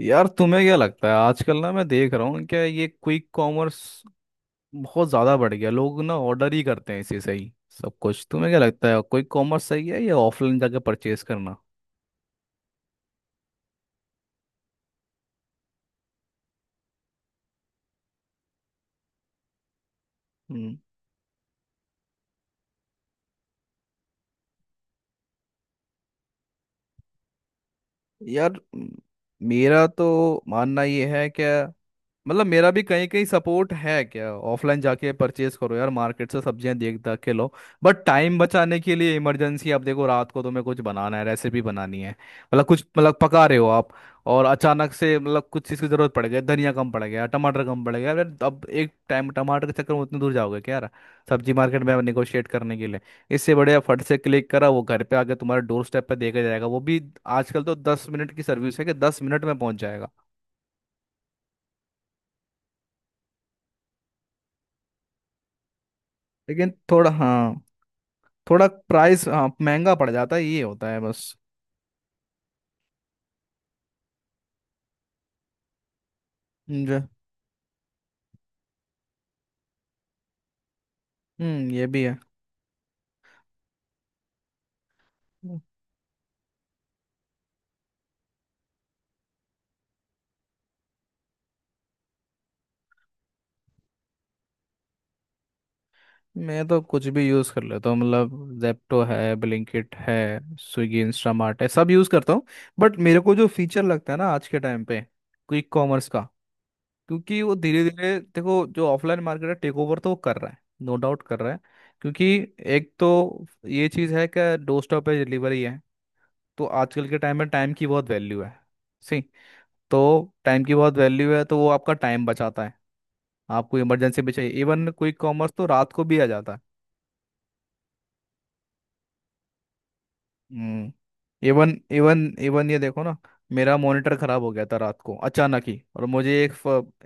यार तुम्हें क्या लगता है, आजकल ना मैं देख रहा हूँ क्या, ये क्विक कॉमर्स बहुत ज़्यादा बढ़ गया। लोग ना ऑर्डर ही करते हैं इसी से ही सब कुछ। तुम्हें क्या लगता है, क्विक कॉमर्स सही है या ऑफलाइन जाके परचेज करना। हम्म। यार मेरा तो मानना ये है क्या, मतलब मेरा भी कहीं कहीं सपोर्ट है क्या, ऑफलाइन जाके परचेज करो। यार मार्केट से सब्जियां देख दाख के लो। बट टाइम बचाने के लिए, इमरजेंसी, आप देखो रात को तुम्हें कुछ बनाना है, रेसिपी बनानी है, मतलब कुछ मतलब पका रहे हो आप, और अचानक से मतलब कुछ चीज़ की जरूरत पड़ गई, धनिया कम पड़ गया, टमाटर कम पड़ गया। यार अब एक टाइम टमाटर के चक्कर में उतनी दूर जाओगे क्या यार, सब्जी मार्केट में निगोशिएट करने के लिए। इससे बढ़िया फट से क्लिक करा, वो घर पे आके तुम्हारे डोर स्टेप पे देखा जाएगा वो भी। आजकल तो 10 मिनट की सर्विस है कि 10 मिनट में पहुंच जाएगा। लेकिन थोड़ा, हाँ, थोड़ा प्राइस, हाँ, महंगा पड़ जाता है, ये होता है बस। जो, हम्म, ये भी है। मैं तो कुछ भी यूज़ कर लेता हूँ, मतलब जेप्टो है, ब्लिंकिट है, स्विगी इंस्टामार्ट है, सब यूज़ करता हूँ। बट मेरे को जो फीचर लगता है ना आज के टाइम पे क्विक कॉमर्स का, क्योंकि वो धीरे धीरे देखो जो ऑफलाइन मार्केट है, टेक ओवर तो वो कर रहा है। नो डाउट कर रहा है। क्योंकि एक तो ये चीज़ है कि डोर स्टॉप पे डिलीवरी है, तो आजकल के टाइम में टाइम की बहुत वैल्यू है। सही। तो टाइम की बहुत वैल्यू है, तो वो आपका टाइम बचाता है। आपको इमरजेंसी भी चाहिए, इवन कोई कॉमर्स तो रात को भी आ जाता है। हम्म। इवन इवन इवन ये देखो ना, मेरा मॉनिटर खराब हो गया था रात को अचानक ही, और मुझे एक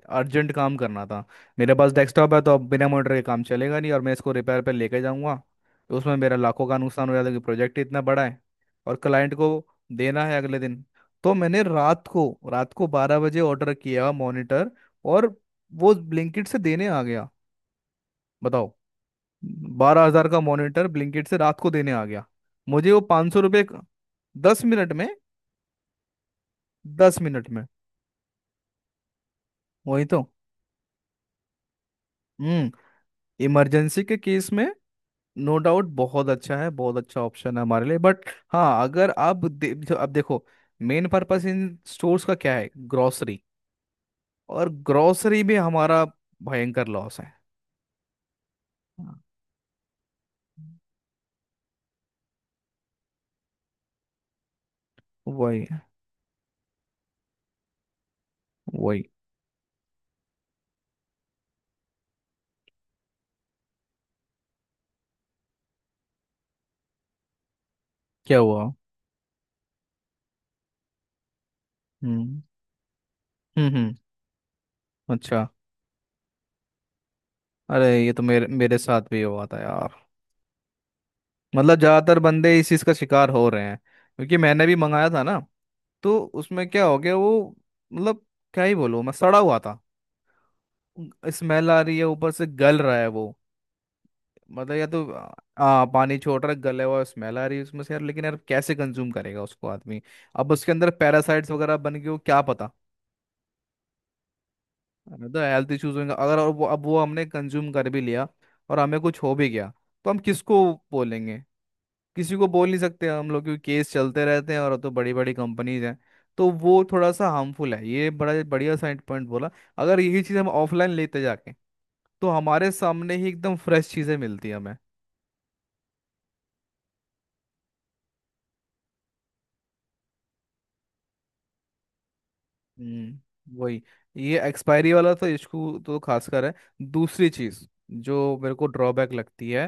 अर्जेंट काम करना था। मेरे पास डेस्कटॉप है, तो अब बिना मॉनिटर के काम चलेगा नहीं, और मैं इसको रिपेयर पे लेके जाऊंगा तो उसमें मेरा लाखों का नुकसान हो जाता है, कि प्रोजेक्ट इतना बड़ा है और क्लाइंट को देना है अगले दिन। तो मैंने रात को 12 बजे ऑर्डर किया मॉनिटर, और वो ब्लिंकिट से देने आ गया। बताओ, 12 हजार का मॉनिटर ब्लिंकिट से रात को देने आ गया। मुझे वो 500 रुपये। 10 मिनट में। 10 मिनट में। वही तो। हम्म। इमरजेंसी के केस में नो डाउट बहुत अच्छा है, बहुत अच्छा ऑप्शन है हमारे लिए, बट, हाँ, अगर आप अब देखो, मेन पर्पस इन स्टोर्स का क्या है, ग्रोसरी। और ग्रोसरी भी हमारा भयंकर लॉस है। हाँ। वही वही। क्या हुआ। हम्म, हम्म, हम्म। अच्छा। अरे ये तो मेरे मेरे साथ भी हुआ था यार। मतलब ज्यादातर बंदे इस चीज का शिकार हो रहे हैं, क्योंकि मैंने भी मंगाया था ना। तो उसमें क्या हो गया वो, मतलब क्या ही बोलूं मैं, सड़ा हुआ था। स्मेल आ रही है, ऊपर से गल रहा है वो, मतलब या तो पानी छोड़ रहा है, गले हुआ, स्मेल आ रही है उसमें से। यार लेकिन यार कैसे कंज्यूम करेगा उसको आदमी। अब उसके अंदर पैरासाइट्स वगैरह बन गए हो, क्या पता। तो हेल्थ इश्यूज होंगे अगर, अब वो, हमने कंज्यूम कर भी लिया और हमें कुछ हो भी गया, तो हम किसको बोलेंगे। किसी को बोल नहीं सकते हम लोग, क्योंकि केस चलते रहते हैं और तो बड़ी बड़ी कंपनीज हैं। तो वो थोड़ा सा हार्मफुल है। ये बड़ा बढ़िया साइड पॉइंट बोला। अगर यही चीज़ हम ऑफलाइन लेते जाके, तो हमारे सामने ही एकदम फ्रेश चीज़ें मिलती हैं हमें। हम्म, वही, ये एक्सपायरी वाला तो इशू तो खासकर है। दूसरी चीज़ जो मेरे को ड्रॉबैक लगती है,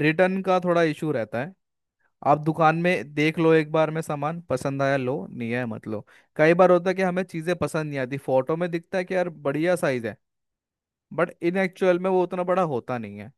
रिटर्न का थोड़ा इशू रहता है। आप दुकान में देख लो, एक बार में सामान पसंद आया लो, नहीं आया मत लो। कई बार होता है कि हमें चीज़ें पसंद नहीं आती, फोटो में दिखता है कि यार बढ़िया साइज है, बट इन एक्चुअल में वो उतना बड़ा होता नहीं है।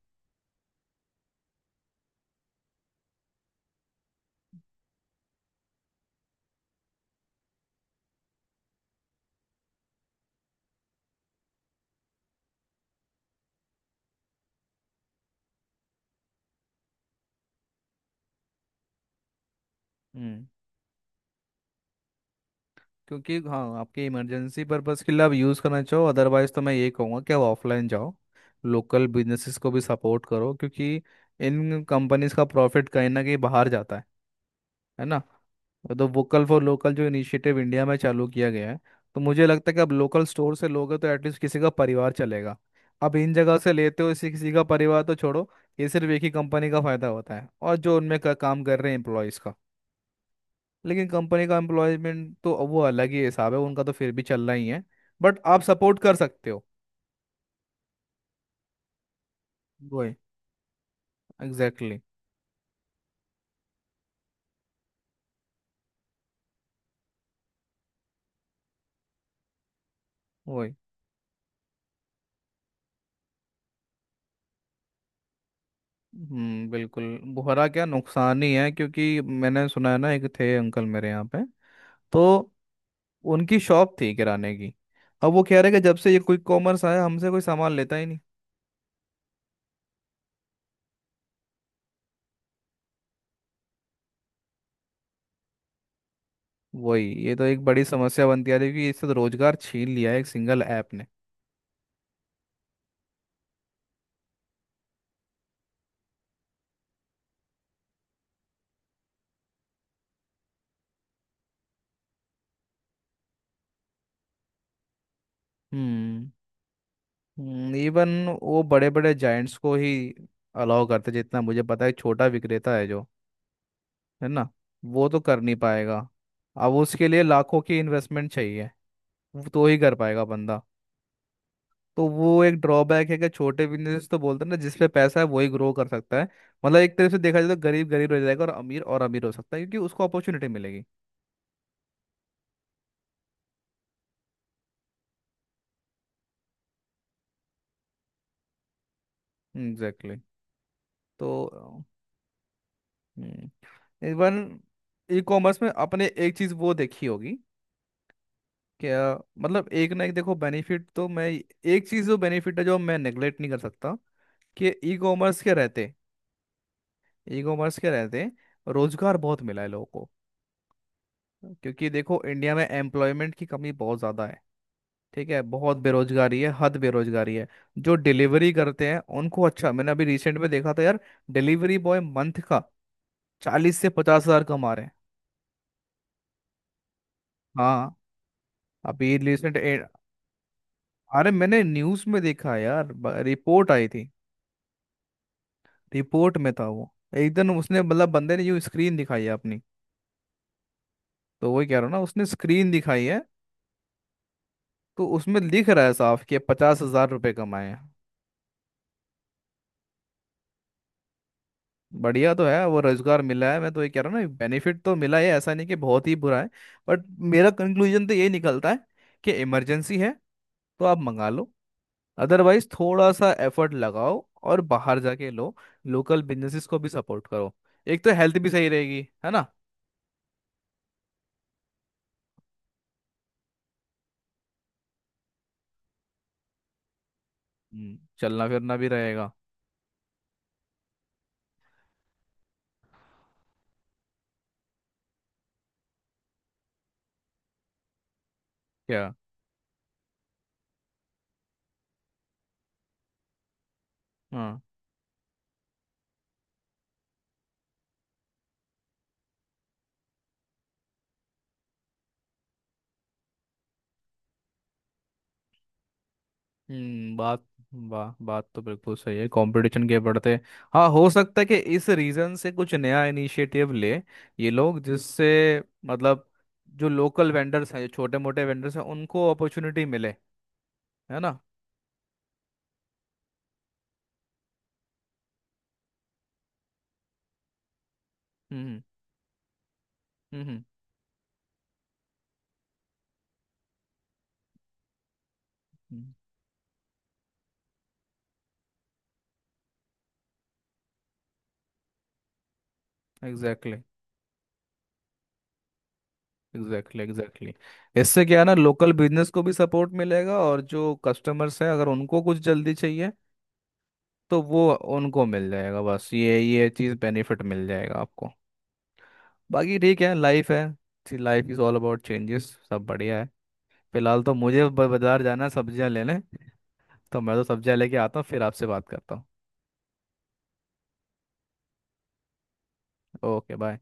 हम्म। क्योंकि, हाँ, आपके इमरजेंसी पर्पज़ के लिए आप यूज़ करना चाहो, अदरवाइज तो मैं ये कहूँगा कि आप ऑफलाइन जाओ, लोकल बिजनेसेस को भी सपोर्ट करो, क्योंकि इन कंपनीज का प्रॉफिट कहीं ना कहीं बाहर जाता है ना। तो वोकल फॉर लोकल जो इनिशिएटिव इंडिया में चालू किया गया है, तो मुझे लगता है कि अब लोकल स्टोर से लोगे तो एटलीस्ट किसी का परिवार चलेगा। अब इन जगह से लेते हो इसी, किसी का परिवार तो छोड़ो, ये सिर्फ एक ही कंपनी का फायदा होता है, और जो उनमें काम कर रहे हैं एम्प्लॉयज़ का। लेकिन कंपनी का एम्प्लॉयमेंट तो वो अलग ही हिसाब है, उनका तो फिर भी चलना ही है। बट आप सपोर्ट कर सकते हो। वही, एग्जैक्टली, exactly, वही। हम्म, बिल्कुल। बुहरा क्या, नुकसान ही है, क्योंकि मैंने सुना है ना, एक थे अंकल मेरे यहाँ पे, तो उनकी शॉप थी किराने की। अब वो कह रहे कि जब से ये क्विक कॉमर्स आया, हमसे कोई सामान लेता ही नहीं। वही, ये तो एक बड़ी समस्या बनती आ रही है कि इससे तो रोजगार छीन लिया है एक सिंगल ऐप ने। हम्म। इवन वो बड़े बड़े जायंट्स को ही अलाउ करते जितना मुझे पता है, छोटा विक्रेता है जो, है ना, वो तो कर नहीं पाएगा। अब उसके लिए लाखों की इन्वेस्टमेंट चाहिए। वो तो ही कर पाएगा बंदा। तो वो एक ड्रॉबैक है कि छोटे बिजनेस, तो बोलते हैं ना, जिसपे पैसा है वही ग्रो कर सकता है। मतलब एक तरह से देखा जाए तो गरीब गरीब रह जाएगा और अमीर हो सकता है, क्योंकि उसको अपॉर्चुनिटी मिलेगी। Exactly, exactly। तो, हम्म। इवन ई कॉमर्स में आपने एक चीज़ वो देखी होगी। क्या, मतलब एक ना एक, देखो, बेनिफिट तो, मैं एक चीज़ जो बेनिफिट है जो मैं नेग्लेक्ट नहीं कर सकता, कि ई कॉमर्स के रहते, ई कॉमर्स के रहते रोजगार बहुत मिला है लोगों को। क्योंकि देखो इंडिया में एम्प्लॉयमेंट की कमी बहुत ज़्यादा है। ठीक है, बहुत बेरोजगारी है, हद बेरोजगारी है। जो डिलीवरी करते हैं उनको, अच्छा, मैंने अभी रिसेंट में देखा था यार, डिलीवरी बॉय मंथ का 40 से 50 हजार कमा रहे हैं। हाँ, अभी रिसेंट। अरे मैंने न्यूज में देखा है यार, रिपोर्ट आई थी, रिपोर्ट में था वो। एकदम उसने, मतलब बंदे ने यूं स्क्रीन दिखाई है अपनी। तो वही कह रहा हूँ ना, उसने स्क्रीन दिखाई है, तो उसमें लिख रहा है साफ कि 50 हजार रुपये कमाए हैं। बढ़िया तो है, वो रोजगार मिला है, मैं तो ये कह रहा हूँ ना, बेनिफिट तो मिला है, ऐसा नहीं कि बहुत ही बुरा है। बट मेरा कंक्लूजन तो ये निकलता है कि इमरजेंसी है तो आप मंगा लो, अदरवाइज थोड़ा सा एफर्ट लगाओ और बाहर जाके लो, लोकल बिजनेसेस को भी सपोर्ट करो। एक तो हेल्थ भी सही रहेगी, है ना। चलना फिरना भी रहेगा। क्या। हाँ। हम्म। बात, वाह, बात तो बिल्कुल सही है। कंपटीशन के बढ़ते, हाँ, हो सकता है कि इस रीजन से कुछ नया इनिशिएटिव ले ये लोग, जिससे, मतलब जो लोकल वेंडर्स हैं, जो छोटे मोटे वेंडर्स हैं, उनको अपॉर्चुनिटी मिले, है ना। हम्म, हम्म। एग्जैक्टली, एग्जैक्टली, एग्जैक्टली, इससे क्या है ना, लोकल बिजनेस को भी सपोर्ट मिलेगा, और जो कस्टमर्स हैं अगर उनको कुछ जल्दी चाहिए तो वो उनको मिल जाएगा। बस ये चीज़ बेनिफिट मिल जाएगा आपको, बाकी ठीक है। लाइफ है, life is all about changes. सब बढ़िया है। फिलहाल तो मुझे बाजार जाना है सब्जियां लेने, तो मैं तो सब्जियां लेके आता हूँ, फिर आपसे बात करता हूँ। Okay, bye.